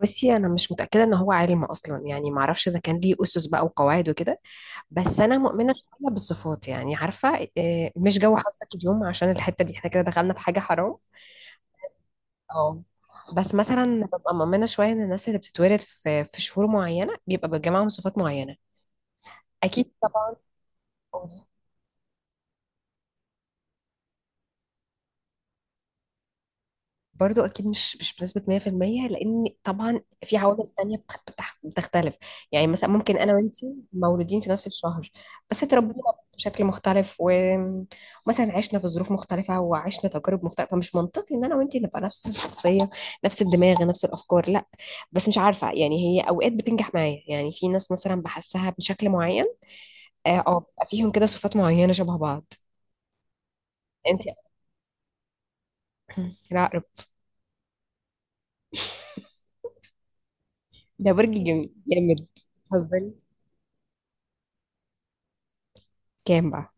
بصي، انا مش متاكده ان هو علم اصلا. يعني ما اعرفش اذا كان ليه اسس بقى وقواعد وكده. بس انا مؤمنه شويه بالصفات، يعني عارفه، مش جو حظك اليوم، عشان الحته دي احنا كده دخلنا في حاجه حرام. اه، بس مثلا ببقى مؤمنه شويه ان الناس اللي بتتولد في شهور معينه بيبقى بيجمعهم صفات معينه. اكيد. طبعا. برضو اكيد مش بنسبه 100%، لان طبعا في عوامل تانية بتختلف. يعني مثلا ممكن انا وانتي مولودين في نفس الشهر، بس اتربينا بشكل مختلف ومثلا عشنا في ظروف مختلفه وعشنا تجارب مختلفه. فمش منطقي ان انا وانتي نبقى نفس الشخصيه، نفس الدماغ، نفس الافكار. لا. بس مش عارفه، يعني هي اوقات بتنجح معايا. يعني في ناس مثلا بحسها بشكل معين. بيبقى فيهم كده صفات معينه شبه بعض. انتي؟ لا. ده برج جامد. بتهزري؟ كام بقى؟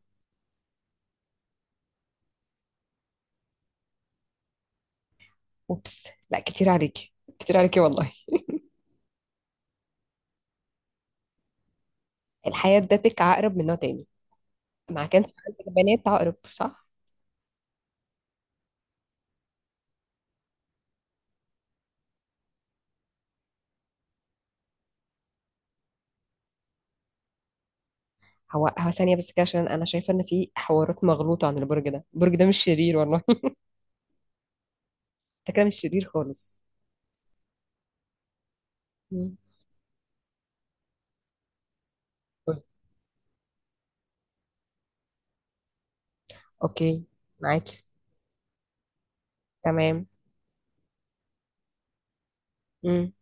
اوبس، لا كتير عليكي، كتير عليكي والله. الحياة ادتك عقرب من نوع تاني. ما كانش عندك بنات عقرب، صح؟ هو ثانية بس كده، عشان انا شايفة ان في حوارات مغلوطة عن البرج ده. البرج ده مش شرير والله ده كده مش شرير خالص. مم. اوكي. معاكي. تمام. مم.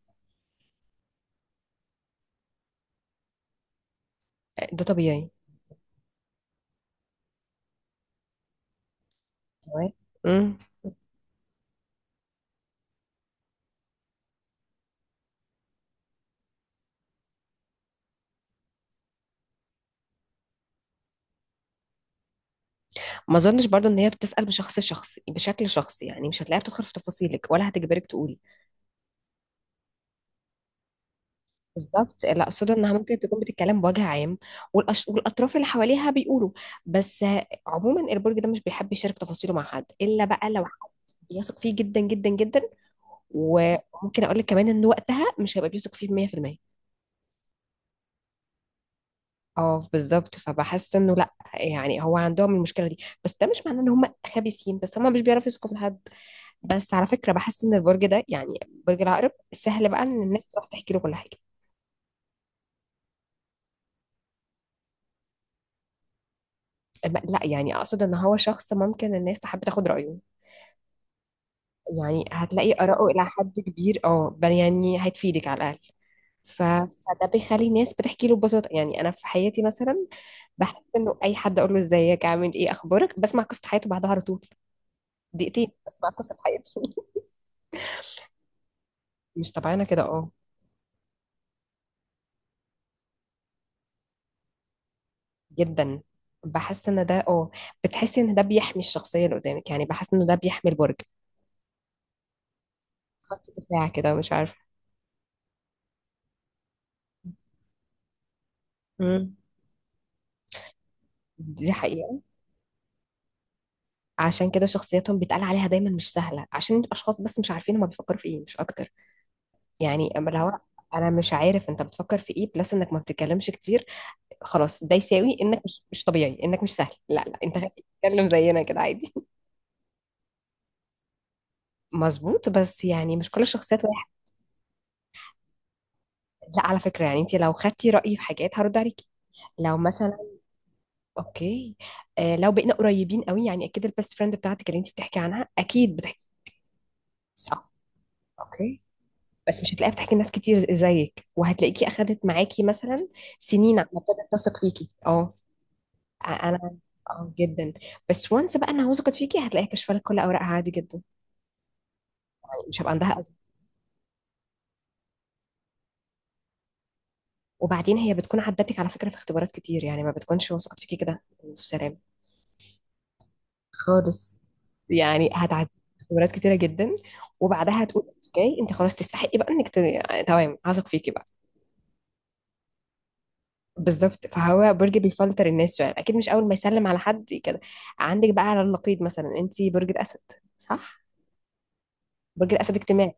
ده طبيعي. تمام. مم. ما اظنش برضو ان هي بتسأل بشخص شخص بشكل شخصي. يعني مش هتلاقيها بتدخل في تفاصيلك ولا هتجبرك تقولي. بالظبط. لا اقصد انها ممكن تكون بتتكلم بوجه عام. والاطراف اللي حواليها بيقولوا. بس عموما البرج ده مش بيحب يشارك تفاصيله مع حد، الا بقى لو حد بيثق فيه جدا جدا جدا. وممكن اقول لك كمان ان وقتها مش هيبقى بيثق فيه 100%. اه، بالظبط. فبحس انه لا يعني، هو عندهم المشكله دي. بس ده مش معناه ان هم خبيثين، بس هم مش بيعرفوا يثقوا في حد. بس على فكره بحس ان البرج ده، يعني برج العقرب، سهل بقى ان الناس تروح تحكي له كل حاجه. لا يعني اقصد ان هو شخص ممكن الناس تحب تاخد رايه. يعني هتلاقي آراءه إلى حد كبير، اه بل يعني هتفيدك على الأقل. فده بيخلي الناس بتحكي له ببساطة. يعني أنا في حياتي مثلا، بحس إنه أي حد أقول له إزيك عامل إيه أخبارك، بسمع قصة حياته بعدها على طول. دقيقتين بسمع قصة حياته مش طبيعية كده، اه، جدا. بحس إن ده اه بتحسي إن ده بيحمي الشخصية اللي قدامك. يعني بحس إنه ده بيحمي البرج. خط دفاع كده، مش عارفة. مم. دي حقيقة. عشان كده شخصياتهم بيتقال عليها دايما مش سهلة، عشان الأشخاص بس مش عارفين هما بيفكروا في إيه، مش أكتر. يعني اما اللي هو، انا مش عارف انت بتفكر في ايه، بلس انك ما بتتكلمش كتير. خلاص ده يساوي انك مش طبيعي، انك مش سهل. لا لا، انت بتتكلم زينا كده عادي. مظبوط، بس يعني مش كل الشخصيات واحد. لا على فكرة، يعني انت لو خدتي رأيي في حاجات هرد عليكي. لو مثلا. اوكي. آه، لو بقينا قريبين قوي، يعني اكيد البيست فريند بتاعتك اللي انت بتحكي عنها اكيد بتحكي. صح؟ اوكي. بس مش هتلاقيها بتحكي لناس كتير زيك، وهتلاقيكي اخدت معاكي مثلا سنين عم تثق فيكي. اه. انا. اه جدا. بس وانس بقى انها وثقت فيكي، هتلاقيها كشفه لك كل اوراقها عادي جدا. يعني مش هيبقى عندها ازمه. وبعدين هي بتكون عدتك على فكره في اختبارات كتير، يعني ما بتكونش وثقت فيكي كده في سلام خالص. يعني هتعدي اختبارات كتيره جدا. وبعدها هتقول انت جاي، انت خلاص تستحقي بقى انك تمام، هثق فيكي بقى. بالظبط، فهو برج بيفلتر الناس شويه، اكيد مش اول ما يسلم على حد كده. عندك بقى على النقيض مثلا انت برج الاسد، صح؟ برج الاسد اجتماعي،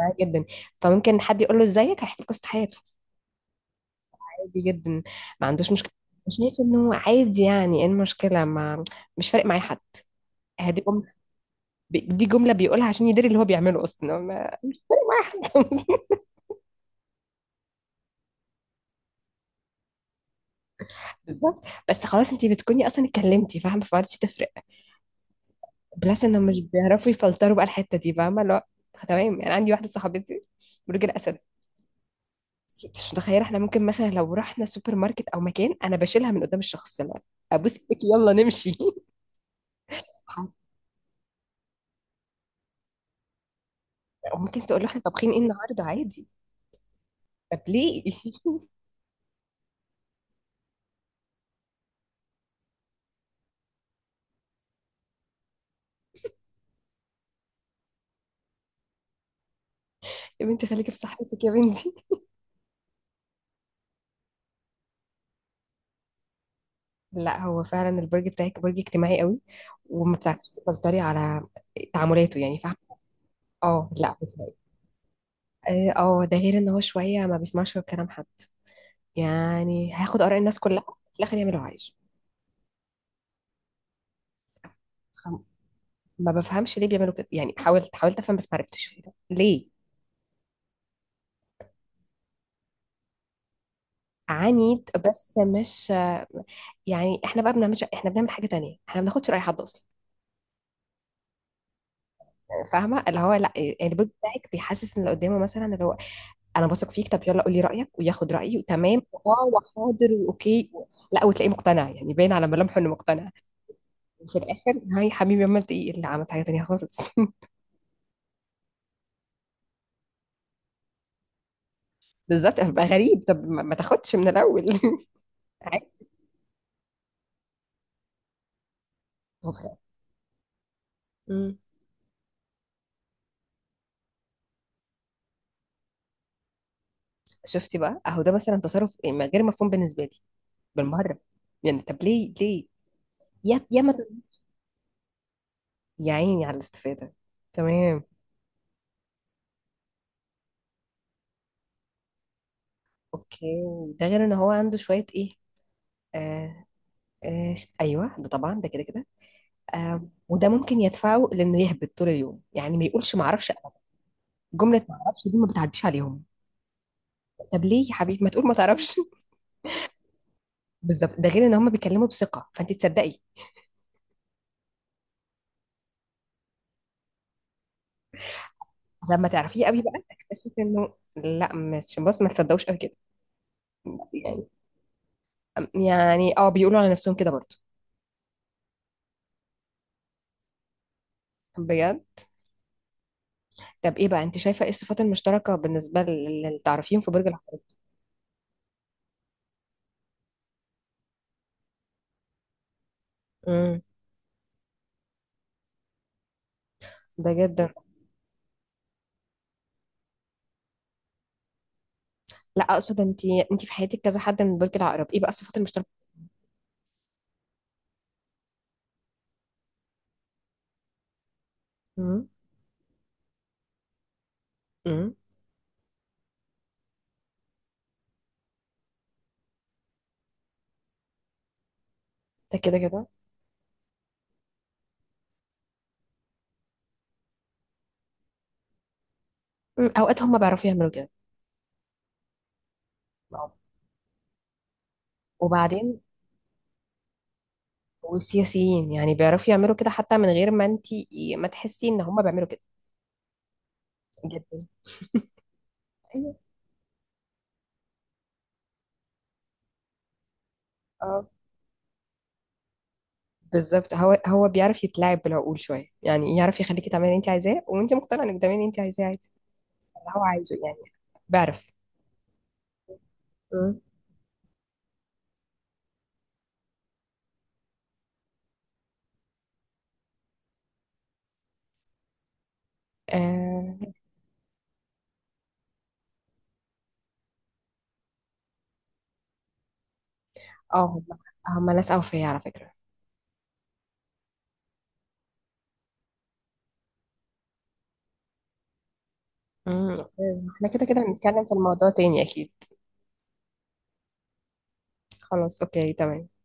اجتماعي جدا. فممكن حد يقول له ازيك، هيحكي لك قصه حياته، عادي جدا، ما عندوش مشكله. شايف انه عادي. يعني ايه المشكله؟ ما مش فارق معايا حد. هدي جملة. دي جمله بيقولها عشان يدري اللي هو بيعمله. اصلا هو واحد بالظبط. بس خلاص انت بتكوني اصلا اتكلمتي فاهمه، فمعرفتش تفرق. بلس انه مش بيعرفوا يفلتروا بقى الحته دي، فاهمه؟ لا. تمام يعني. عندي واحده صاحبتي برج الاسد. مش متخيله. احنا ممكن مثلا لو رحنا سوبر ماركت او مكان، انا بشيلها من قدام الشخص. لا ابوس ايدك، يلا نمشي وممكن تقول له احنا طابخين ايه النهارده، عادي. طب ليه؟ يا بنتي خليكي في صحتك يا بنتي. لا هو فعلا البرج بتاعك برج اجتماعي قوي، وما بتعرفيش تسيطري على تعاملاته، يعني فاهمه؟ اه. لا بتلاقي. ده غير ان هو شويه ما بيسمعش غير كلام حد. يعني هياخد اراء الناس كلها، في الاخر يعمل اللي هو عايزه. فم- ما بفهمش ليه بيعملوا كده. يعني حاولت افهم، بس ما عرفتش ليه. عنيد، بس مش يعني. احنا بقى بنعملش، احنا بنعمل حاجه تانية. احنا ما بناخدش راي حد اصلا. فاهمه؟ اللي هو لا يعني، البرج بتاعك بيحسس ان اللي قدامه مثلا، اللي هو انا بثق فيك، طب يلا قولي رايك، وياخد رايي وتمام اه، وحاضر، واوكي، لا، وتلاقيه مقتنع يعني، باين على ملامحه انه مقتنع. وفي الاخر، هاي حبيبي، ما انت ايه اللي عملت؟ حاجه تانية خالص. بالظبط. هبقى غريب، طب ما تاخدش من الاول عادي، هو في الآخر. مم. شفتي بقى، اهو ده مثلا تصرف غير مفهوم بالنسبه لي بالمره. يعني طب ليه؟ ليه؟ يا ما ت- يا عيني على الاستفاده. تمام. اوكي. ده غير ان هو عنده شويه ايه، آه ايوه ده طبعا، ده كده كده. آه، وده ممكن يدفعه لانه يهبط طول اليوم. يعني ما يقولش ما اعرفش أنا. جمله ما اعرفش دي، ما بتعديش عليهم. طب ليه يا حبيبي ما تقول ما تعرفش؟ بالظبط. ده غير ان هم بيتكلموا بثقه فانت تصدقي. لما تعرفيه قوي بقى، تكتشفي انه لا، مش بص ما تصدقوش قوي كده يعني. يعني، اه، بيقولوا على نفسهم كده برضه. بجد. طب ايه بقى، انت شايفه ايه الصفات المشتركه بالنسبه للتعرفيهم في برج العقرب؟ امم. ده جدا. لا اقصد، انت في حياتك كذا حد من برج العقرب، ايه بقى الصفات المشتركه؟ امم. امم. ده كده كده. مم، اوقات هم بيعرفوا يعملوا كده. نعم. وبعدين، والسياسيين يعني بيعرفوا يعملوا كده حتى من غير ما انت، ما تحسي ان هم بيعملوا كده. جدا. ايوه. اه بالظبط. هو بيعرف يتلاعب بالعقول شويه، يعني يعرف يخليكي تعملي اللي انت عايزاه وانت مقتنعه انك تعملي اللي انت عايزاه عادي. اللي هو عايزه يعني. بيعرف. مم. اه. آه. هم ناس اوفياء على فكره. مم. احنا كده كده هنتكلم في الموضوع تاني اكيد. خلاص. اوكي. تمام.